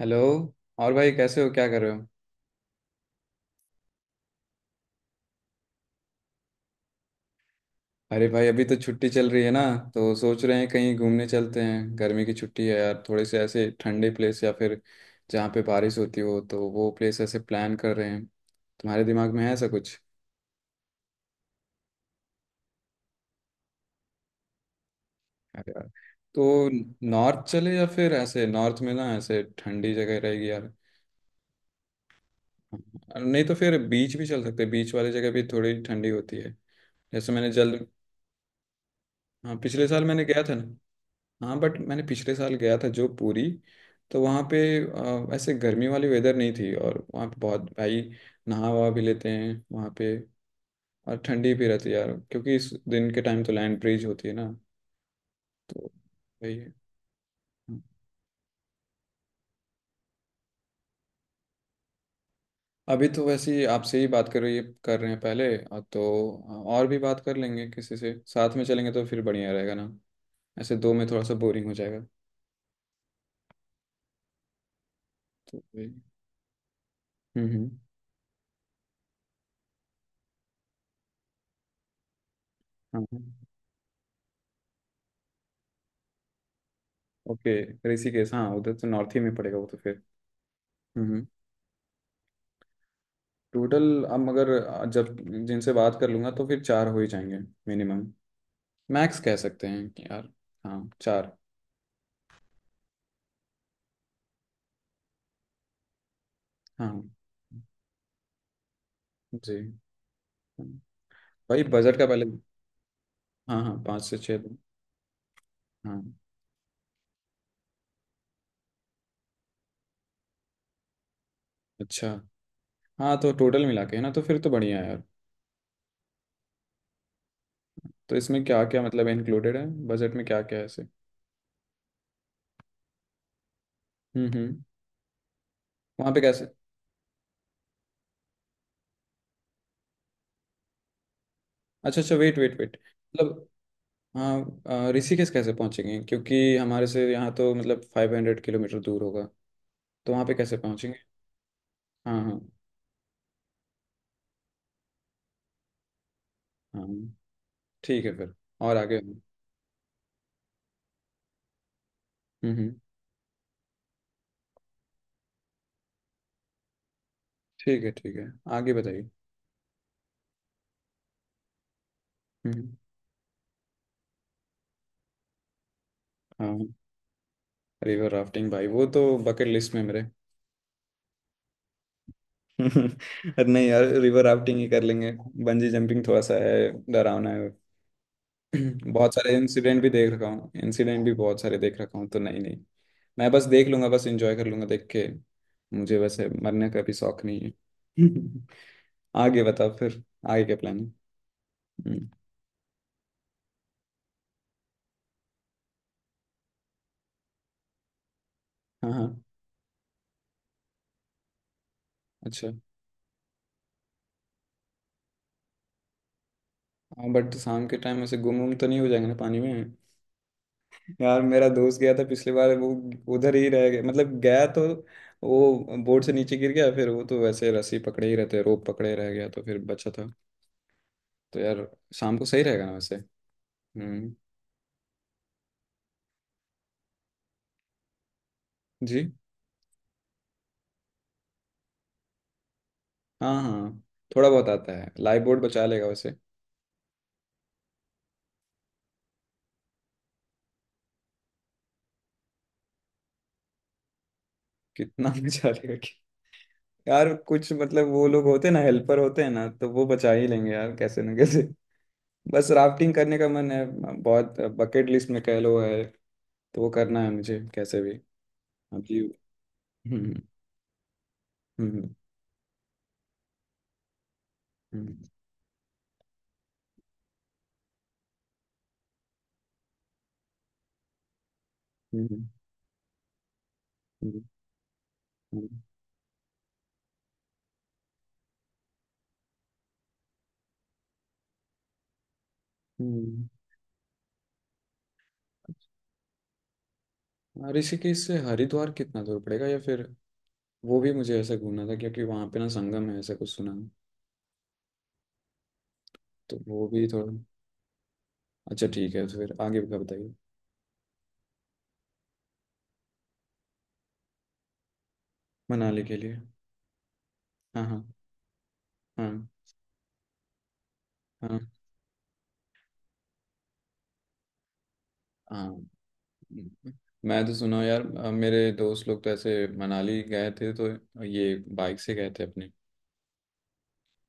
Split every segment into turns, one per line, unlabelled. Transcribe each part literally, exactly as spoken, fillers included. Hello. और भाई कैसे हो, क्या कर रहे हो? अरे भाई, अभी तो छुट्टी चल रही है ना। तो सोच रहे हैं कहीं घूमने चलते हैं। गर्मी की छुट्टी है यार, थोड़े से ऐसे ठंडे प्लेस या फिर जहाँ पे बारिश होती हो, तो वो प्लेस ऐसे प्लान कर रहे हैं। तुम्हारे दिमाग में है ऐसा कुछ? अरे यार, तो नॉर्थ चले या फिर ऐसे नॉर्थ में ना ऐसे ठंडी जगह रहेगी यार। और नहीं तो फिर बीच भी चल सकते हैं, बीच वाली जगह भी थोड़ी ठंडी होती है। जैसे मैंने जल्द। हाँ, पिछले साल मैंने गया था ना। हाँ बट मैंने पिछले साल गया था जो पूरी। तो वहाँ पे अ, ऐसे गर्मी वाली वेदर नहीं थी, और वहाँ पे बहुत भाई नहा वहा भी लेते हैं वहाँ पे। और ठंडी भी रहती है यार, क्योंकि इस दिन के टाइम तो लैंड ब्रीज होती है ना। तो वही है। अभी तो वैसे ही आपसे ही बात कर रही कर रहे हैं पहले, और तो और भी बात कर लेंगे। किसी से साथ में चलेंगे तो फिर बढ़िया रहेगा ना, ऐसे दो में थोड़ा सा बोरिंग हो जाएगा। तो वही। हम्म हम्म हाँ। ओके। ऋषिकेश, हाँ उधर तो नॉर्थ ही में पड़ेगा वो तो फिर। हम्म। टोटल अब मगर, जब जिनसे बात कर लूंगा तो फिर चार हो ही जाएंगे मिनिमम। मैक्स कह सकते हैं कि यार, हाँ, चार। हाँ जी। भाई बजट का पहले। हाँ हाँ, पाँच से छः दिन। हाँ। अच्छा। हाँ तो टोटल मिला के है ना, तो फिर तो बढ़िया है यार। तो इसमें क्या क्या मतलब इंक्लूडेड है बजट में, क्या क्या है ऐसे? हम्म हम्म वहाँ पे कैसे? अच्छा अच्छा, वेट वेट वेट। मतलब, हाँ, अ, ऋषिकेश कैसे पहुँचेंगे? क्योंकि हमारे से यहाँ तो मतलब फाइव हंड्रेड किलोमीटर दूर होगा। तो वहाँ पे कैसे पहुँचेंगे? हाँ हाँ। हाँ ठीक है फिर, और आगे। हम्म। हम्म, ठीक है ठीक है। आगे बताइए। हम्म। हाँ, रिवर राफ्टिंग भाई वो तो बकेट लिस्ट में मेरे। अरे नहीं यार, रिवर राफ्टिंग ही कर लेंगे। बंजी जंपिंग थोड़ा सा है, डरावना है। बहुत सारे इंसिडेंट भी देख रखा हूँ, इंसिडेंट भी बहुत सारे देख रखा हूँ, तो नहीं नहीं। मैं बस देख लूंगा, बस एंजॉय कर लूंगा देख के। मुझे वैसे मरने का भी शौक नहीं है। आगे बताओ फिर, आगे क्या प्लान है? हम्म, हाँ हाँ, अच्छा। हाँ बट शाम के टाइम ऐसे गुम गुम तो नहीं हो जाएंगे ना पानी में? यार मेरा दोस्त गया था पिछली बार, वो उधर ही रह गया मतलब। गया तो वो बोर्ड से नीचे गिर गया, फिर वो तो वैसे रस्सी पकड़े ही रहते, रोप पकड़े रह गया तो फिर बचा था। तो यार शाम को सही रहेगा ना वैसे। हम्म। जी। हाँ हाँ, थोड़ा बहुत आता है, लाइफ बोर्ड बचा लेगा वैसे। कितना बचा लेगा कि, यार कुछ मतलब वो लोग होते हैं ना, हेल्पर होते हैं ना, तो वो बचा ही लेंगे यार कैसे ना कैसे। बस राफ्टिंग करने का मन है, बहुत बकेट लिस्ट में कह लो है। तो वो करना है मुझे कैसे भी। अभी। हम्म। हम्म हम्म, हम्म, हम्म, हम्म, हम्म। हम्म, हम्म। ऋषिकेश से हरिद्वार कितना दूर पड़ेगा, या फिर वो भी मुझे ऐसा घूमना था, क्योंकि वहाँ पे ना संगम है ऐसा कुछ सुना है। तो वो भी थोड़ा। अच्छा ठीक है, तो फिर आगे का बताइए। मनाली के लिए। हाँ हाँ। हाँ। हाँ हाँ। हम्म। मैं तो सुना हूँ यार, अ, मेरे दोस्त लोग तो ऐसे मनाली गए थे, तो ये बाइक से गए थे अपने।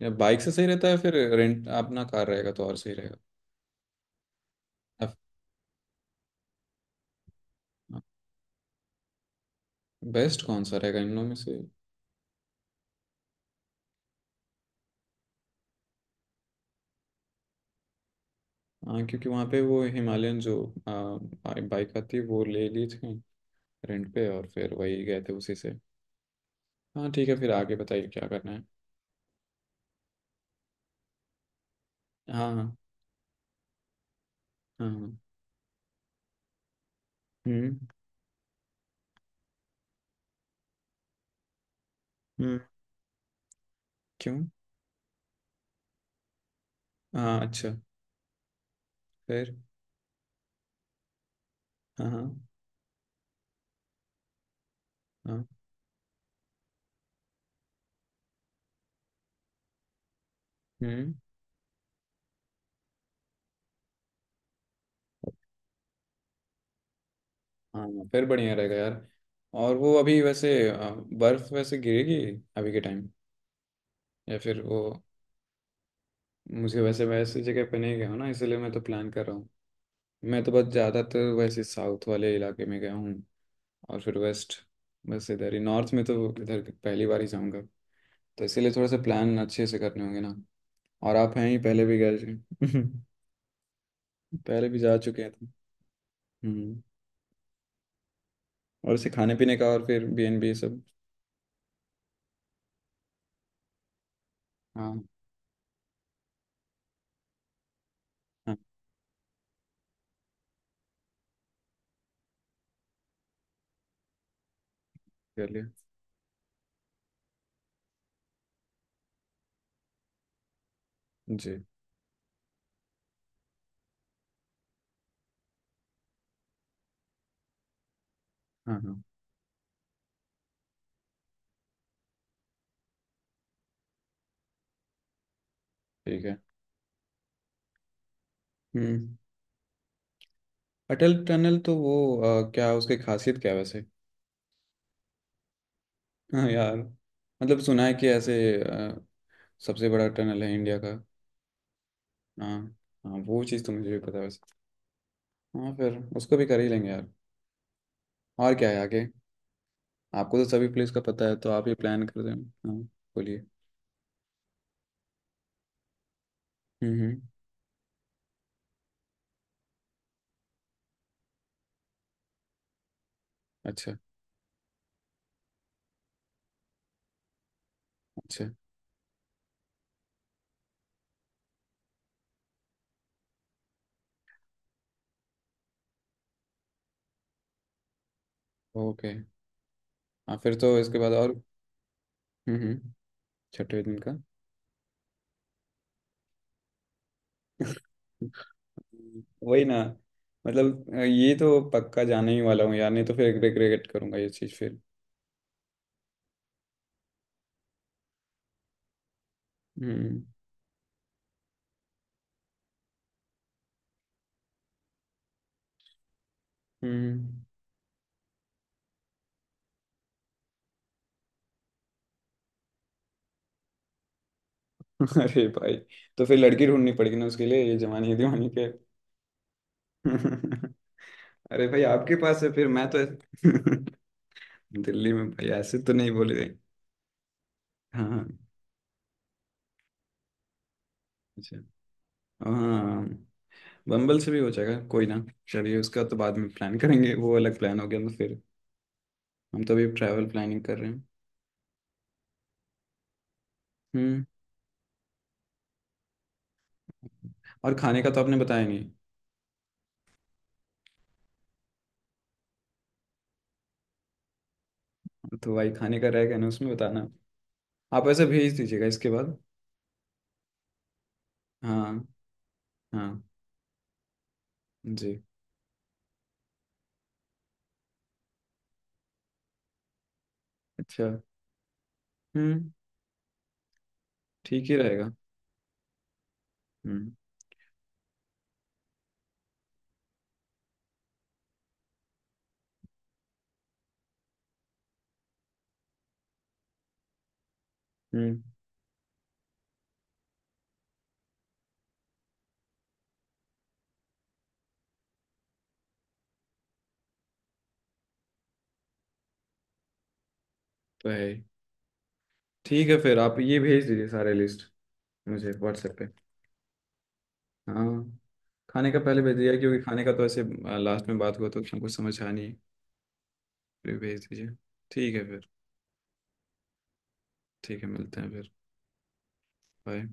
या बाइक से सही रहता है, फिर रेंट अपना कार रहेगा तो और सही रहेगा। बेस्ट कौन सा रहेगा इन लोगों में से? हाँ, क्योंकि वहाँ पे वो हिमालयन जो बाइक आती है वो ले ली थी रेंट पे, और फिर वही गए थे उसी से। हाँ ठीक है, फिर आगे बताइए क्या करना है। हाँ हाँ। हाँ हाँ। हम्म हम्म क्यों? हाँ, अच्छा, फिर? हाँ हाँ। हाँ। हम्म। हाँ हाँ, फिर बढ़िया रहेगा यार। और वो अभी वैसे अ, बर्फ वैसे गिरेगी अभी के टाइम, या फिर वो? मुझे वैसे वैसे जगह पे नहीं गया हूँ ना, इसलिए मैं तो प्लान कर रहा। मैं तो बस ज़्यादातर वैसे साउथ वाले इलाके में गया हूँ, और फिर वेस्ट। बस इधर ही नॉर्थ में तो इधर पहली बार ही जाऊँगा। तो इसीलिए थोड़ा सा प्लान अच्छे से करने होंगे ना। और आप हैं ही, पहले भी गए थे। पहले भी जा चुके हैं तो। हम्म। और इसे खाने पीने का, और फिर बी एन बी सब। हाँ। हाँ, कर लिया। जी। हाँ हाँ ठीक है। हम्म। अटल टनल तो वो, अ, क्या उसकी खासियत क्या है वैसे? हाँ यार मतलब सुना है कि ऐसे, अ, सबसे बड़ा टनल है इंडिया का। हाँ। हाँ वो चीज़ तो मुझे भी पता है वैसे। हाँ, फिर उसको भी कर ही लेंगे यार। और क्या है आगे? आपको तो सभी प्लेस का पता है, तो आप ही प्लान कर दें। हाँ, बोलिए। हम्म हम्म अच्छा अच्छा। ओके। हाँ फिर, तो इसके बाद और? हम्म हम्म छठे दिन का? वही ना, मतलब ये तो पक्का जाने ही वाला हूँ यार, नहीं तो फिर रिग्रेट करूंगा ये चीज़ फिर। हम्म। हम्म। अरे भाई, तो फिर लड़की ढूंढनी पड़ेगी ना उसके लिए, ये जवानी दीवानी के। अरे भाई आपके पास है, फिर मैं तो दिल्ली में भाई ऐसे तो नहीं बोली रही। हाँ। अच्छा। हाँ, बम्बल से भी हो जाएगा कोई ना। चलिए उसका तो बाद में प्लान करेंगे, वो अलग प्लान हो गया तो फिर। हम तो अभी ट्रैवल प्लानिंग कर रहे हैं। हम्म। और खाने का तो आपने बताया नहीं। तो भाई खाने का रहेगा ना, उसमें बताना। आप ऐसे भेज दीजिएगा इसके बाद। हाँ। हाँ जी। अच्छा। हम्म, ठीक ही रहेगा। हम्म हम्म तो है ही। ठीक है फिर, आप ये भेज दीजिए सारे लिस्ट मुझे व्हाट्सएप पे। हाँ, खाने का पहले भेज दिया, क्योंकि खाने का तो ऐसे लास्ट में बात हुआ तो उसमें कुछ समझ आ नहीं है, फिर भेज दीजिए। ठीक है फिर। ठीक है, मिलते हैं फिर। बाय।